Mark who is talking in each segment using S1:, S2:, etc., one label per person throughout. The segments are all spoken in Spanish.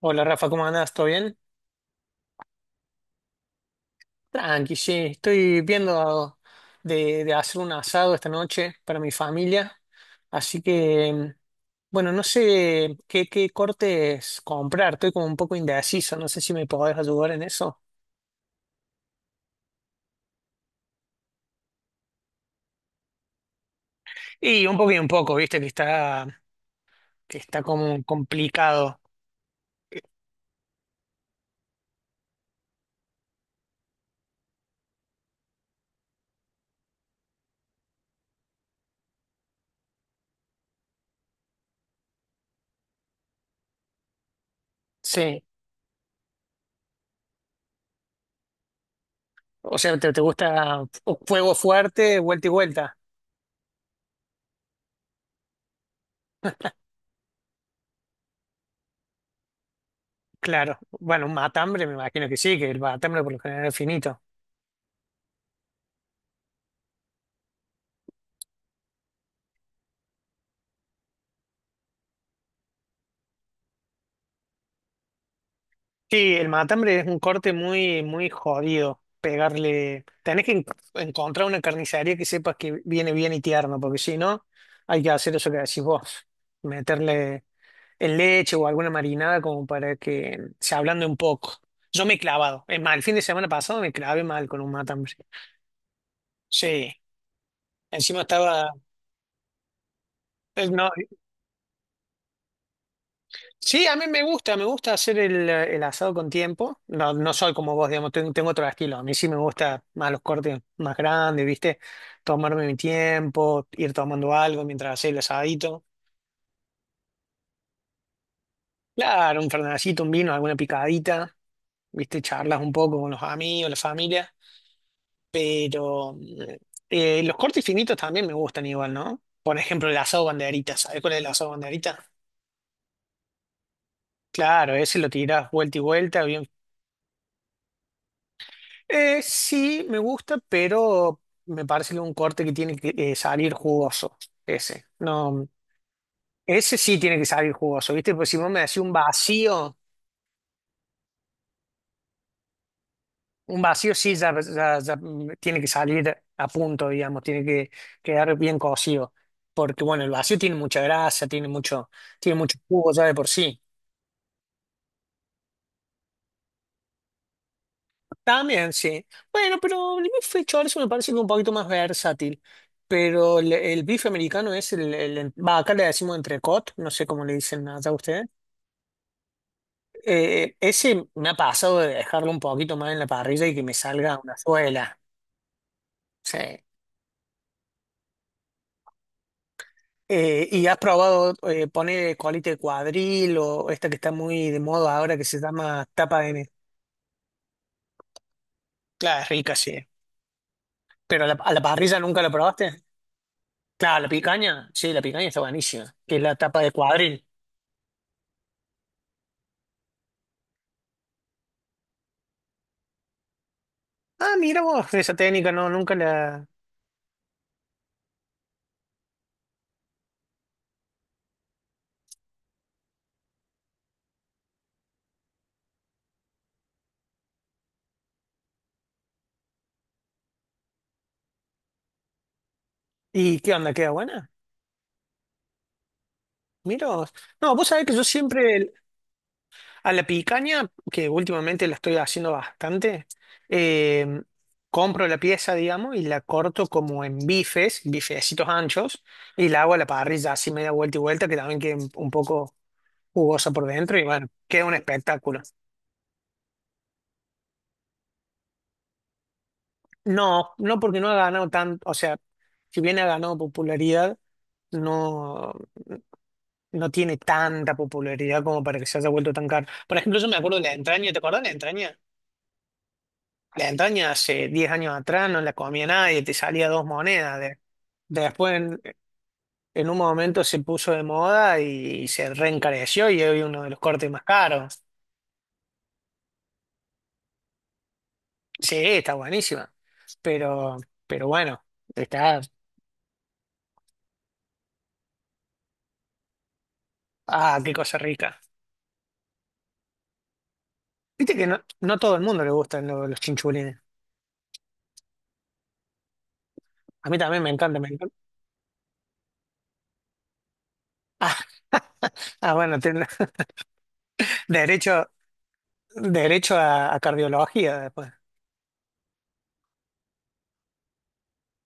S1: Hola Rafa, ¿cómo andás? ¿Todo bien? Tranqui, sí. Estoy viendo de hacer un asado esta noche para mi familia. Así que, bueno, no sé qué cortes comprar. Estoy como un poco indeciso. No sé si me podés ayudar en eso. Y un poco, viste que está como complicado. Sí. O sea, ¿te gusta fuego fuerte, vuelta y vuelta? Claro. Bueno, un matambre me imagino que sí, que el matambre por lo general es finito. Sí, el matambre es un corte muy, muy jodido. Pegarle. Encontrar una carnicería que sepas que viene bien y tierno, porque si no, hay que hacer eso que decís vos. Meterle el leche o alguna marinada como para que se ablande un poco. Yo me he clavado. Es mal, el fin de semana pasado me clavé mal con un matambre. Sí. Encima estaba. No, Sí, a mí me gusta hacer el asado con tiempo. No, no soy como vos, digamos, tengo otro estilo. A mí sí me gusta más los cortes más grandes, ¿viste? Tomarme mi tiempo, ir tomando algo mientras hacía el asadito. Claro, un fernandcito, un vino, alguna picadita, ¿viste? Charlas un poco con los amigos, la familia. Pero los cortes finitos también me gustan igual, ¿no? Por ejemplo, el asado banderita, ¿sabes cuál es el asado banderita? Claro, ese lo tirás vuelta y vuelta, bien. Sí, me gusta, pero me parece que es un corte que tiene que salir jugoso. Ese. No, Ese sí tiene que salir jugoso, ¿viste? Pues si vos me decís un vacío sí ya, tiene que salir a punto, digamos, tiene que quedar bien cocido. Porque bueno, el vacío tiene mucha grasa, tiene mucho jugo ya de por sí. También, sí. Bueno, pero el bife chorizo me parece que es un poquito más versátil. Pero el bife americano es el, acá le decimos entrecot, no sé cómo le dicen allá ustedes. Ese me ha pasado de dejarlo un poquito más en la parrilla y que me salga una suela. Sí. ¿Y has probado poner colita de cuadril o esta que está muy de moda ahora que se llama tapa de... ne- Claro, es rica, sí. ¿Pero a la parrilla nunca la probaste? Claro, la picaña, sí, la picaña está buenísima, que es la tapa de cuadril. Ah, mira vos, esa técnica nunca la... ¿Y qué onda? ¿Queda buena? Mira vos. No, vos sabés que yo siempre el- a la picaña, que últimamente la estoy haciendo bastante, eh, compro la pieza, digamos, y la corto como en bifes, bifecitos anchos, y la hago a la parrilla así media vuelta y vuelta, que también queda un poco jugosa por dentro, y bueno, queda un espectáculo. No, no porque no ha ganado tanto, o sea, si bien ha ganado popularidad, no, no tiene tanta popularidad como para que se haya vuelto tan caro. Por ejemplo, yo me acuerdo de la entraña, ¿te acuerdas de la entraña? La entraña hace 10 años atrás no la comía nadie, te salía dos monedas. Después, en, en un momento se puso de moda y se reencareció y hoy uno de los cortes más caros. Sí, está buenísima. Pero, pero bueno, está, ah, qué cosa rica. Viste que no, no a todo el mundo le gustan los chinchulines. A mí también me encanta, me encanta. Ah, ah, bueno, tiene derecho, derecho a cardiología después.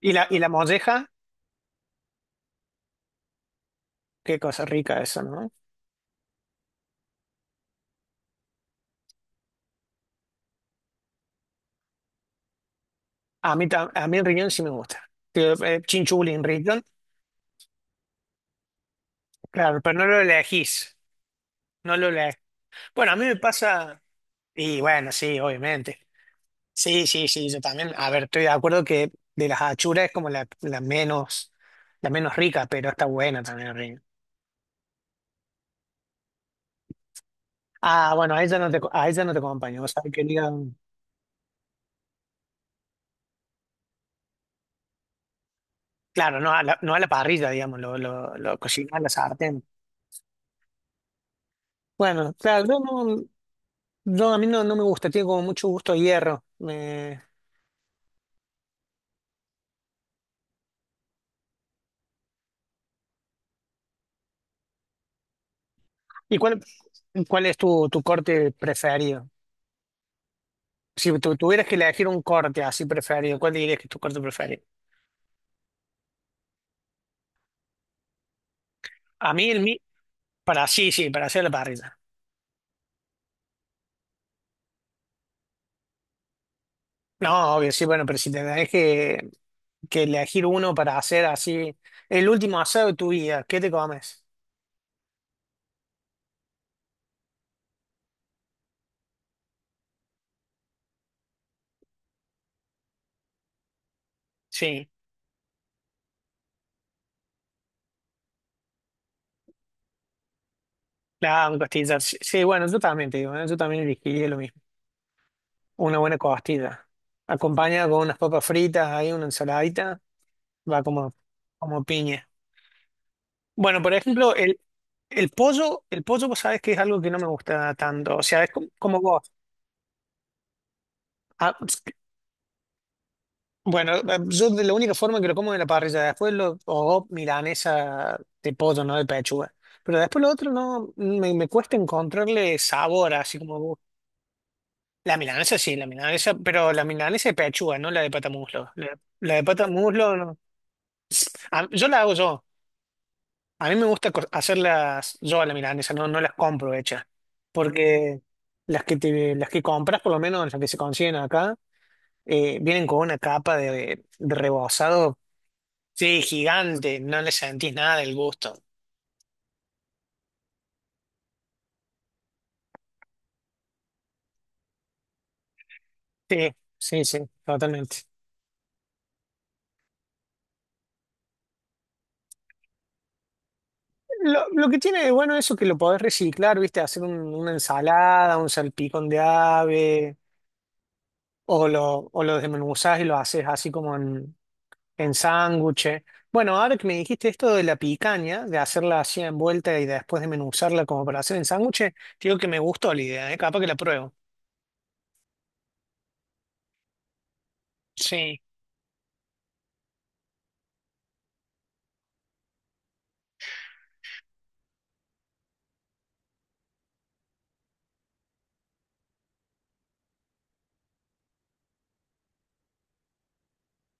S1: Y la molleja, qué cosa rica eso, ¿no? A mí, a mí el riñón sí me gusta. Digo, chinchulín, riñón, claro, pero no lo elegís, no lo elegís. Bueno, a mí me pasa, y bueno, sí, obviamente. Sí, sí, sí, yo también. A ver, estoy de acuerdo que de las achuras es como la menos rica, pero está buena también el riñón. Ah, bueno, a ella no te, a ella no te acompaño. O sea, quería, claro, no a la parrilla, digamos, lo cocinar a la sartén. Bueno, claro, yo no, yo- a mí no, no me gusta, tiene como mucho gusto a hierro. Me- ¿Y cuál es tu corte preferido? Si tú tuvieras que elegir un corte así preferido, ¿cuál dirías que es tu corte preferido? A mí el mío, para sí, sí, para hacer la parrilla. No, obvio, sí, bueno, pero si que elegir uno para hacer así, el último asado de tu vida, ¿qué te comes? Sí. La costilla. Sí, sí, bueno, yo también te digo, ¿eh? Yo también elegiría lo mismo. Una buena costilla. Acompañada con unas papas fritas, ahí una ensaladita, va como, como piña. Bueno, por ejemplo, el pollo, vos sabés que es algo que no me gusta tanto. O sea, es como, como vos. Ah, bueno, yo de la única forma que lo como es en la parrilla, después lo, o milanesa de pollo, no de pechuga. Pero después lo otro no, me cuesta encontrarle sabor, así como La milanesa sí, la milanesa, pero la milanesa de pechuga, no la de pata muslo. La de pata muslo, no. Yo la hago yo. A mí me gusta hacerlas yo a la milanesa, no, no las compro hechas. Porque las que compras, por lo menos las que se consiguen acá, vienen con una capa de rebozado, sí, gigante, no le sentís nada del gusto. Sí, sí, sí, totalmente. Lo que tiene de bueno eso que lo podés reciclar, ¿viste? Hacer una ensalada, un salpicón de ave. O lo desmenuzás y lo haces así como en sándwiches. Bueno, ahora que me dijiste esto de la picaña, de hacerla así envuelta y después desmenuzarla como para hacer en sándwiches, digo que me gustó la idea, ¿eh? Capaz que la pruebo. Sí,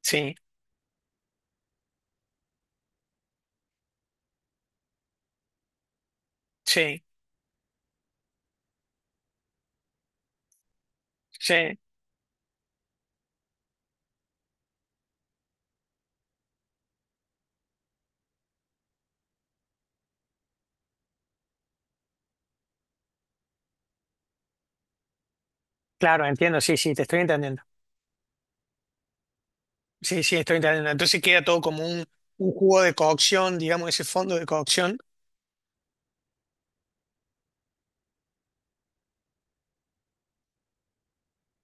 S1: sí, sí, sí. Claro, entiendo, sí, sí, te estoy entendiendo. Sí, sí, estoy entendiendo. Entonces queda todo como un jugo de cocción, digamos, ese fondo de cocción.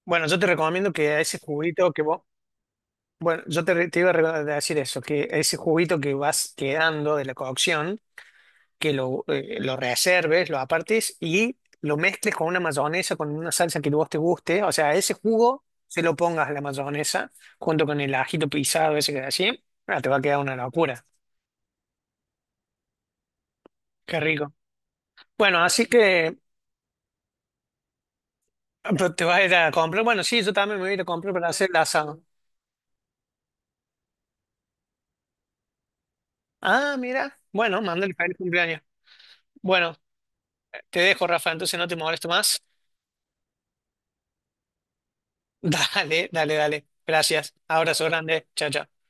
S1: Bueno, yo te recomiendo que a ese juguito que vos, bueno, yo te iba a decir eso, que ese juguito que vas quedando de la cocción. Que lo reserves, lo apartes y lo mezcles con una mayonesa, con una salsa que vos te guste. O sea, ese jugo se lo pongas a la mayonesa junto con el ajito pisado, ese que así. Ah, te va a quedar una locura. Qué rico. Bueno, así que ah, pero te vas a ir a comprar. Bueno, sí, yo también me voy a ir a comprar para hacer el asado. Ah, mira. Bueno, mándale feliz cumpleaños. Bueno, te dejo, Rafa, entonces no te molesto más. Dale, dale, dale. Gracias. Abrazo grande. Chao, chao.